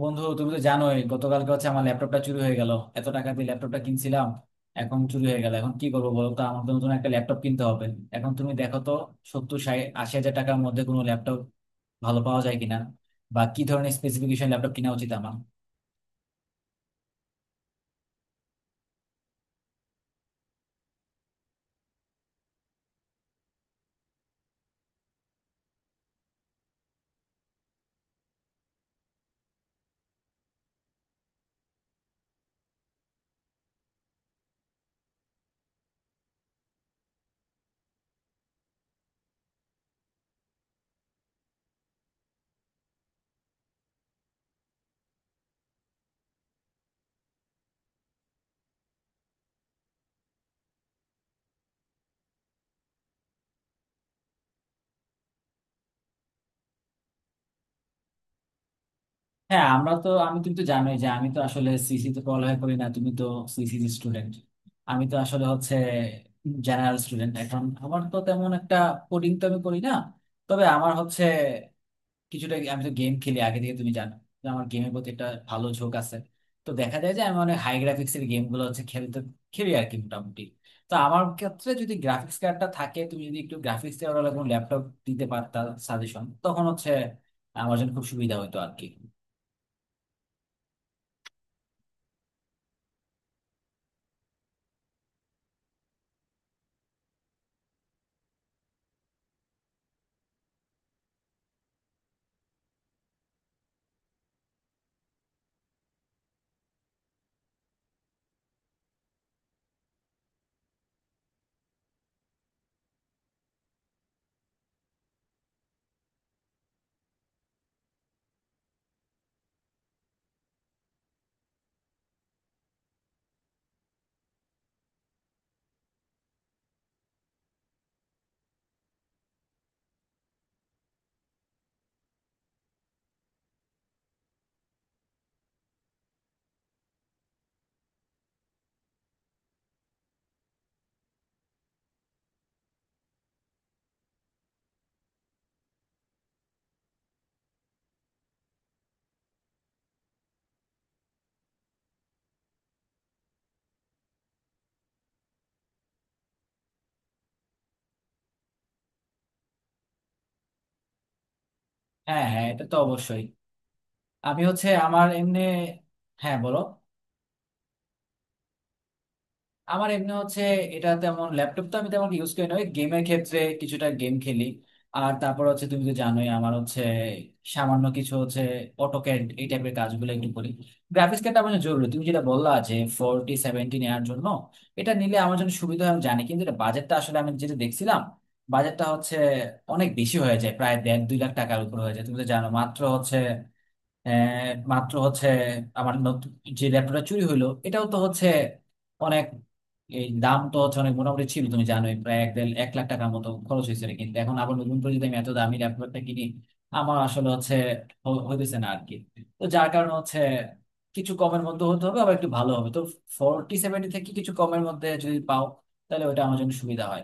বন্ধু, তুমি তো জানোই গতকালকে হচ্ছে আমার ল্যাপটপটা চুরি হয়ে গেল। এত টাকা দিয়ে ল্যাপটপটা কিনছিলাম, এখন চুরি হয়ে গেল। এখন কি করবো বলো তো, আমার তো নতুন একটা ল্যাপটপ কিনতে হবে। এখন তুমি দেখো তো সত্তর ষাট আশি হাজার টাকার মধ্যে কোনো ল্যাপটপ ভালো পাওয়া যায় কিনা, বা কি ধরনের স্পেসিফিকেশন ল্যাপটপ কিনা উচিত আমার। হ্যাঁ, আমরা তো আমি তুমি তো জানোই যে আমি তো আসলে সিসি তে পড়ালেখা করি না। তুমি তো সিসি স্টুডেন্ট, আমি তো আসলে হচ্ছে জেনারেল স্টুডেন্ট। এখন আমার তো তেমন একটা কোডিং তো আমি করি না। তবে আমার হচ্ছে কিছুটা, আমি তো গেম খেলি আগে থেকে, তুমি জানো যে আমার গেমের প্রতি একটা ভালো ঝোঁক আছে। তো দেখা যায় যে আমি অনেক হাই গ্রাফিক্সের গেম গুলো হচ্ছে খেলতে খেলি আর কি, মোটামুটি। তো আমার ক্ষেত্রে যদি গ্রাফিক্স কার্ডটা থাকে, তুমি যদি একটু গ্রাফিক্স ওরা কোনো ল্যাপটপ দিতে পারতা সাজেশন, তখন হচ্ছে আমার জন্য খুব সুবিধা হতো আর কি। হ্যাঁ হ্যাঁ, এটা তো অবশ্যই। আমি হচ্ছে আমার এমনি। হ্যাঁ, বলো। আমার এমনি হচ্ছে এটা তেমন ল্যাপটপ তো আমি তেমন ইউজ করি না, ওই গেমের ক্ষেত্রে কিছুটা গেম খেলি। আর তারপর হচ্ছে তুমি তো জানোই আমার হচ্ছে সামান্য কিছু হচ্ছে অটোক্যাড এই টাইপের কাজগুলো একটু করি। গ্রাফিক্স কার্ডটা আমার জন্য জরুরি। তুমি যেটা বললা যে 4070 নেওয়ার জন্য, এটা নিলে আমার জন্য সুবিধা হয় আমি জানি, কিন্তু এটা বাজেটটা আসলে আমি যেটা দেখছিলাম বাজেটটা হচ্ছে অনেক বেশি হয়ে যায়, প্রায় দেড় দুই লাখ টাকার উপর হয়ে যায়। তুমি তো জানো মাত্র হচ্ছে, মাত্র হচ্ছে আমার নতুন যে ল্যাপটপটা চুরি হইলো এটাও তো হচ্ছে অনেক, এই দাম তো হচ্ছে অনেক মোটামুটি ছিল, তুমি জানোই প্রায় এক দেড় এক লাখ টাকার মতো খরচ হয়েছিল। কিন্তু এখন আবার নতুন করে যদি আমি এত দামি ল্যাপটপটা কিনি, আমার আসলে হচ্ছে হইতেছে না আর কি। তো যার কারণে হচ্ছে কিছু কমের মধ্যে হতে হবে, আবার একটু ভালো হবে তো। 4070 থেকে কিছু কমের মধ্যে যদি পাও, তাহলে ওটা আমার জন্য সুবিধা হয়।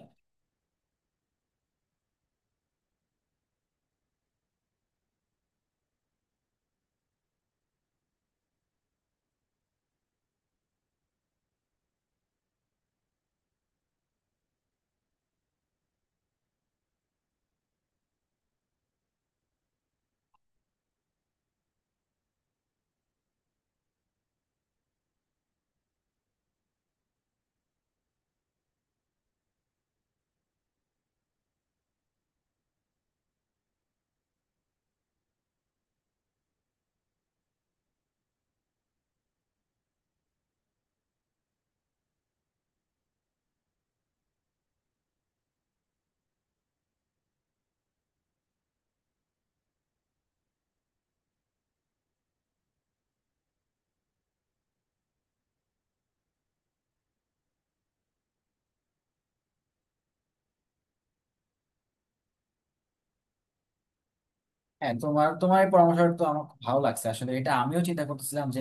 হ্যাঁ, তোমার তোমার এই পরামর্শটা তো আমার খুব ভালো লাগছে আসলে। এটা আমিও চিন্তা করতেছিলাম যে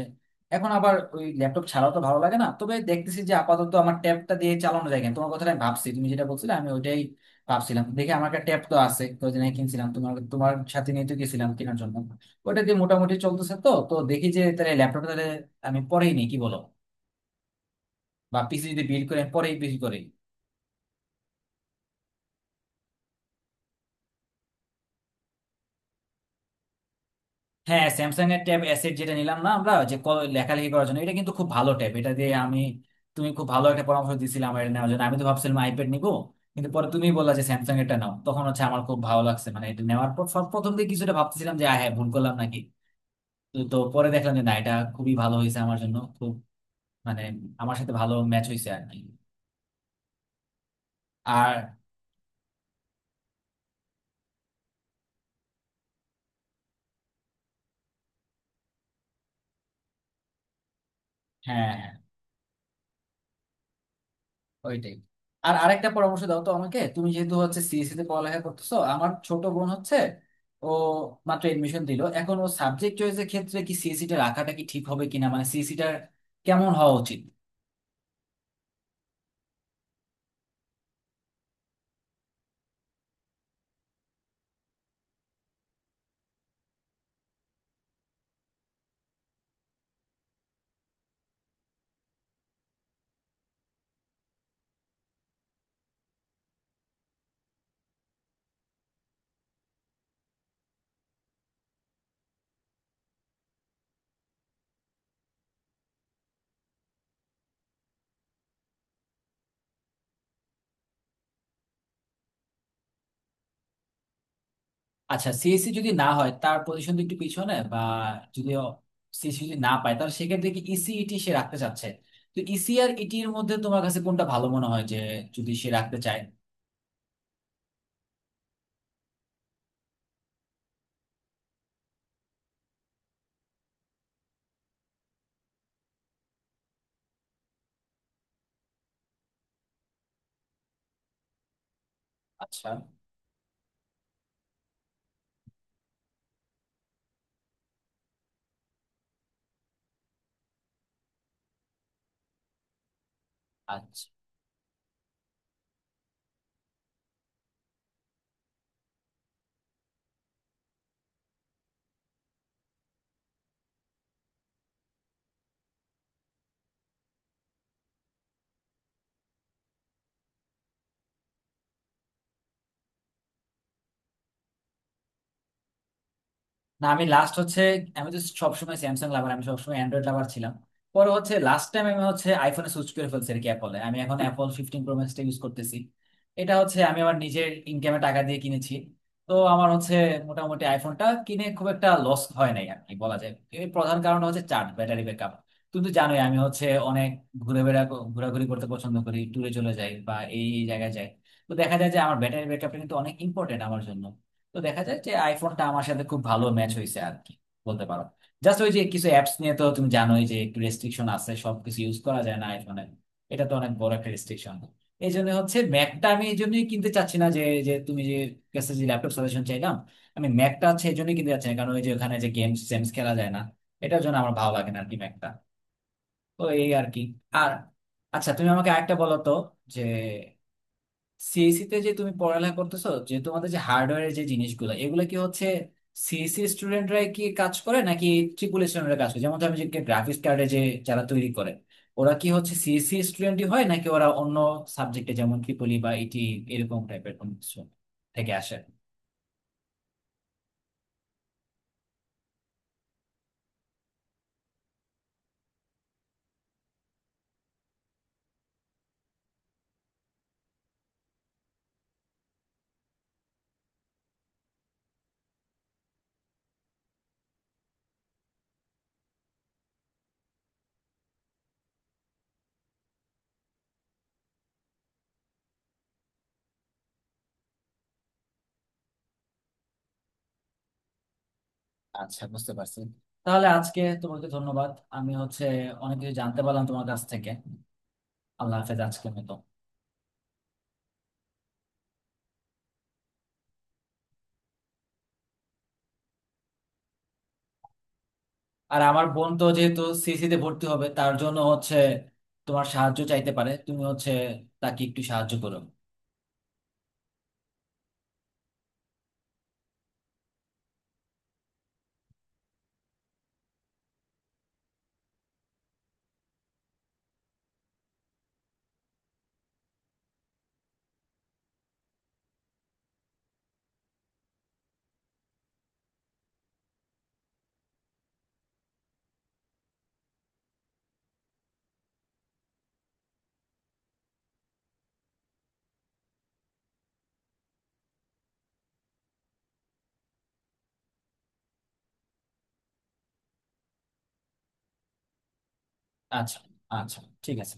এখন আবার ওই ল্যাপটপ ছাড়াও তো ভালো লাগে না, তবে দেখতেছি যে আপাতত আমার ট্যাবটা দিয়ে চালানো যায় কেন। তোমার কথাটা আমি ভাবছি, তুমি যেটা বলছিলে আমি ওইটাই ভাবছিলাম। দেখি আমার একটা ট্যাব তো আছে, কয়েকদিন আগে কিনছিলাম, তোমার তোমার সাথে নিয়ে তো গেছিলাম কেনার জন্য। ওটা দিয়ে মোটামুটি চলতেছে। তো তো দেখি যে তাহলে ল্যাপটপটা তাহলে আমি পরেই নিই, কি বলো, বা পিসি যদি বিল্ড করে আমি পরেই পিসি করি। হ্যাঁ, স্যামসাং এর ট্যাব অ্যাসেট যেটা নিলাম না আমরা, লেখালেখি করার জন্য এটা কিন্তু খুব ভালো ট্যাব, এটা দিয়ে আমি তুমি খুব ভালো একটা পরামর্শ দিছিলে আমার এটা নেওয়ার জন্য। আমি তো ভাবছিলাম আইপ্যাড নিবো, কিন্তু পরে তুমি বললা যে স্যামসাং এরটা নাও, তখন হচ্ছে আমার খুব ভালো লাগছে। মানে এটা নেওয়ার পর সব প্রথম দিকে কিছুটা ভাবতেছিলাম যে হ্যাঁ, ভুল করলাম নাকি। তো তো পরে দেখলাম যে না, এটা খুবই ভালো হয়েছে আমার জন্য, খুব মানে আমার সাথে ভালো ম্যাচ হয়েছে আর কি। আর হ্যাঁ হ্যাঁ। ওইটাই। আর আরেকটা পরামর্শ দাও তো আমাকে। তুমি যেহেতু হচ্ছে সিএসসি তে পড়ালেখা করতেছো, আমার ছোট বোন হচ্ছে ও মাত্র এডমিশন দিল। এখন ও সাবজেক্ট চয়েসের ক্ষেত্রে কি সিএসসি টা রাখাটা কি ঠিক হবে কিনা, মানে সিএসসি টা কেমন হওয়া উচিত? আচ্ছা, সিএসসি যদি না হয় তার পজিশন তো একটু পিছনে, বা যদি সিএসসি যদি না পায় তাহলে সেক্ষেত্রে কি ইসিইটি সে রাখতে চাচ্ছে। তো ইসি আর ইটির মধ্যে তোমার কাছে কোনটা ভালো মনে হয় যে, যদি সে রাখতে চায়? আচ্ছা। আচ্ছা। না, আমি লাস্ট হচ্ছে, আমি তো সবসময় স্যামসাং লাভার, আমি সবসময় অ্যান্ড্রয়েড লাভার ছিলাম। পরে হচ্ছে লাস্ট টাইম আমি হচ্ছে আইফোনে সুইচ করে ফেলছি আর কি, অ্যাপলে। আমি এখন অ্যাপল 15 প্রো ম্যাক্সটা ইউজ করতেছি। এটা হচ্ছে আমি আমার নিজের ইনকামে টাকা দিয়ে কিনেছি। তো আমার হচ্ছে মোটামুটি আইফোনটা কিনে খুব একটা লস হয় নাই আর কি, বলা যায়। এর প্রধান কারণ হচ্ছে চার্জ, ব্যাটারি ব্যাকআপ। তুমি তো জানোই আমি হচ্ছে অনেক ঘুরে বেড়া ঘোরাঘুরি করতে পছন্দ করি, ট্যুরে চলে যাই বা এই এই জায়গায় যাই। তো দেখা যায় যে আমার ব্যাটারি ব্যাকআপটা কিন্তু অনেক ইম্পর্টেন্ট আমার জন্য। তো দেখা যায় যে আইফোনটা আমার সাথে খুব ভালো ম্যাচ হয়েছে আর কি, বলতে পারো। জাস্ট ওই যে কিছু অ্যাপস নিয়ে তো তুমি জানোই যে একটু রেস্ট্রিকশন আছে, সবকিছু ইউজ করা যায় না আইফোনে। এটা তো অনেক বড় একটা রেস্ট্রিকশন। এই জন্য হচ্ছে ম্যাকটা আমি এই জন্যই কিনতে চাচ্ছি না। যে, যে তুমি যে কাছে যে ল্যাপটপ সাজেশন চাইলাম, আমি ম্যাকটা হচ্ছে এই জন্যই কিনতে চাচ্ছি না, কারণ ওই যে ওখানে যে গেমস খেলা যায় না। এটার জন্য আমার ভালো লাগে না আর কি ম্যাকটা। তো এই আর কি। আর আচ্ছা, তুমি আমাকে আরেকটা বলো তো, যে সিএসি তে যে তুমি পড়ালেখা করতেছো, যে তোমাদের যে হার্ডওয়্যারের যে জিনিসগুলো, এগুলো কি হচ্ছে সিএসি স্টুডেন্টরাই কি কাজ করে নাকি ট্রিপল স্টুডেন্টরা কাজ করে? যেমন আমি যে গ্রাফিক্স কার্ডে যে যারা তৈরি করে ওরা কি হচ্ছে সিএসি স্টুডেন্টই হয়, নাকি ওরা অন্য সাবজেক্টে যেমন ট্রিপলি বা ইটি এরকম টাইপের কোনো কিছু থেকে আসে? আচ্ছা, বুঝতে পারছি। তাহলে আজকে তোমাকে ধন্যবাদ। আমি হচ্ছে অনেক কিছু জানতে পারলাম তোমার কাছ থেকে। আল্লাহ হাফেজ আজকের মতো। আর আমার বোন তো যেহেতু সিসি তে ভর্তি হবে, তার জন্য হচ্ছে তোমার সাহায্য চাইতে পারে, তুমি হচ্ছে তাকে একটু সাহায্য করো। আচ্ছা আচ্ছা, ঠিক আছে।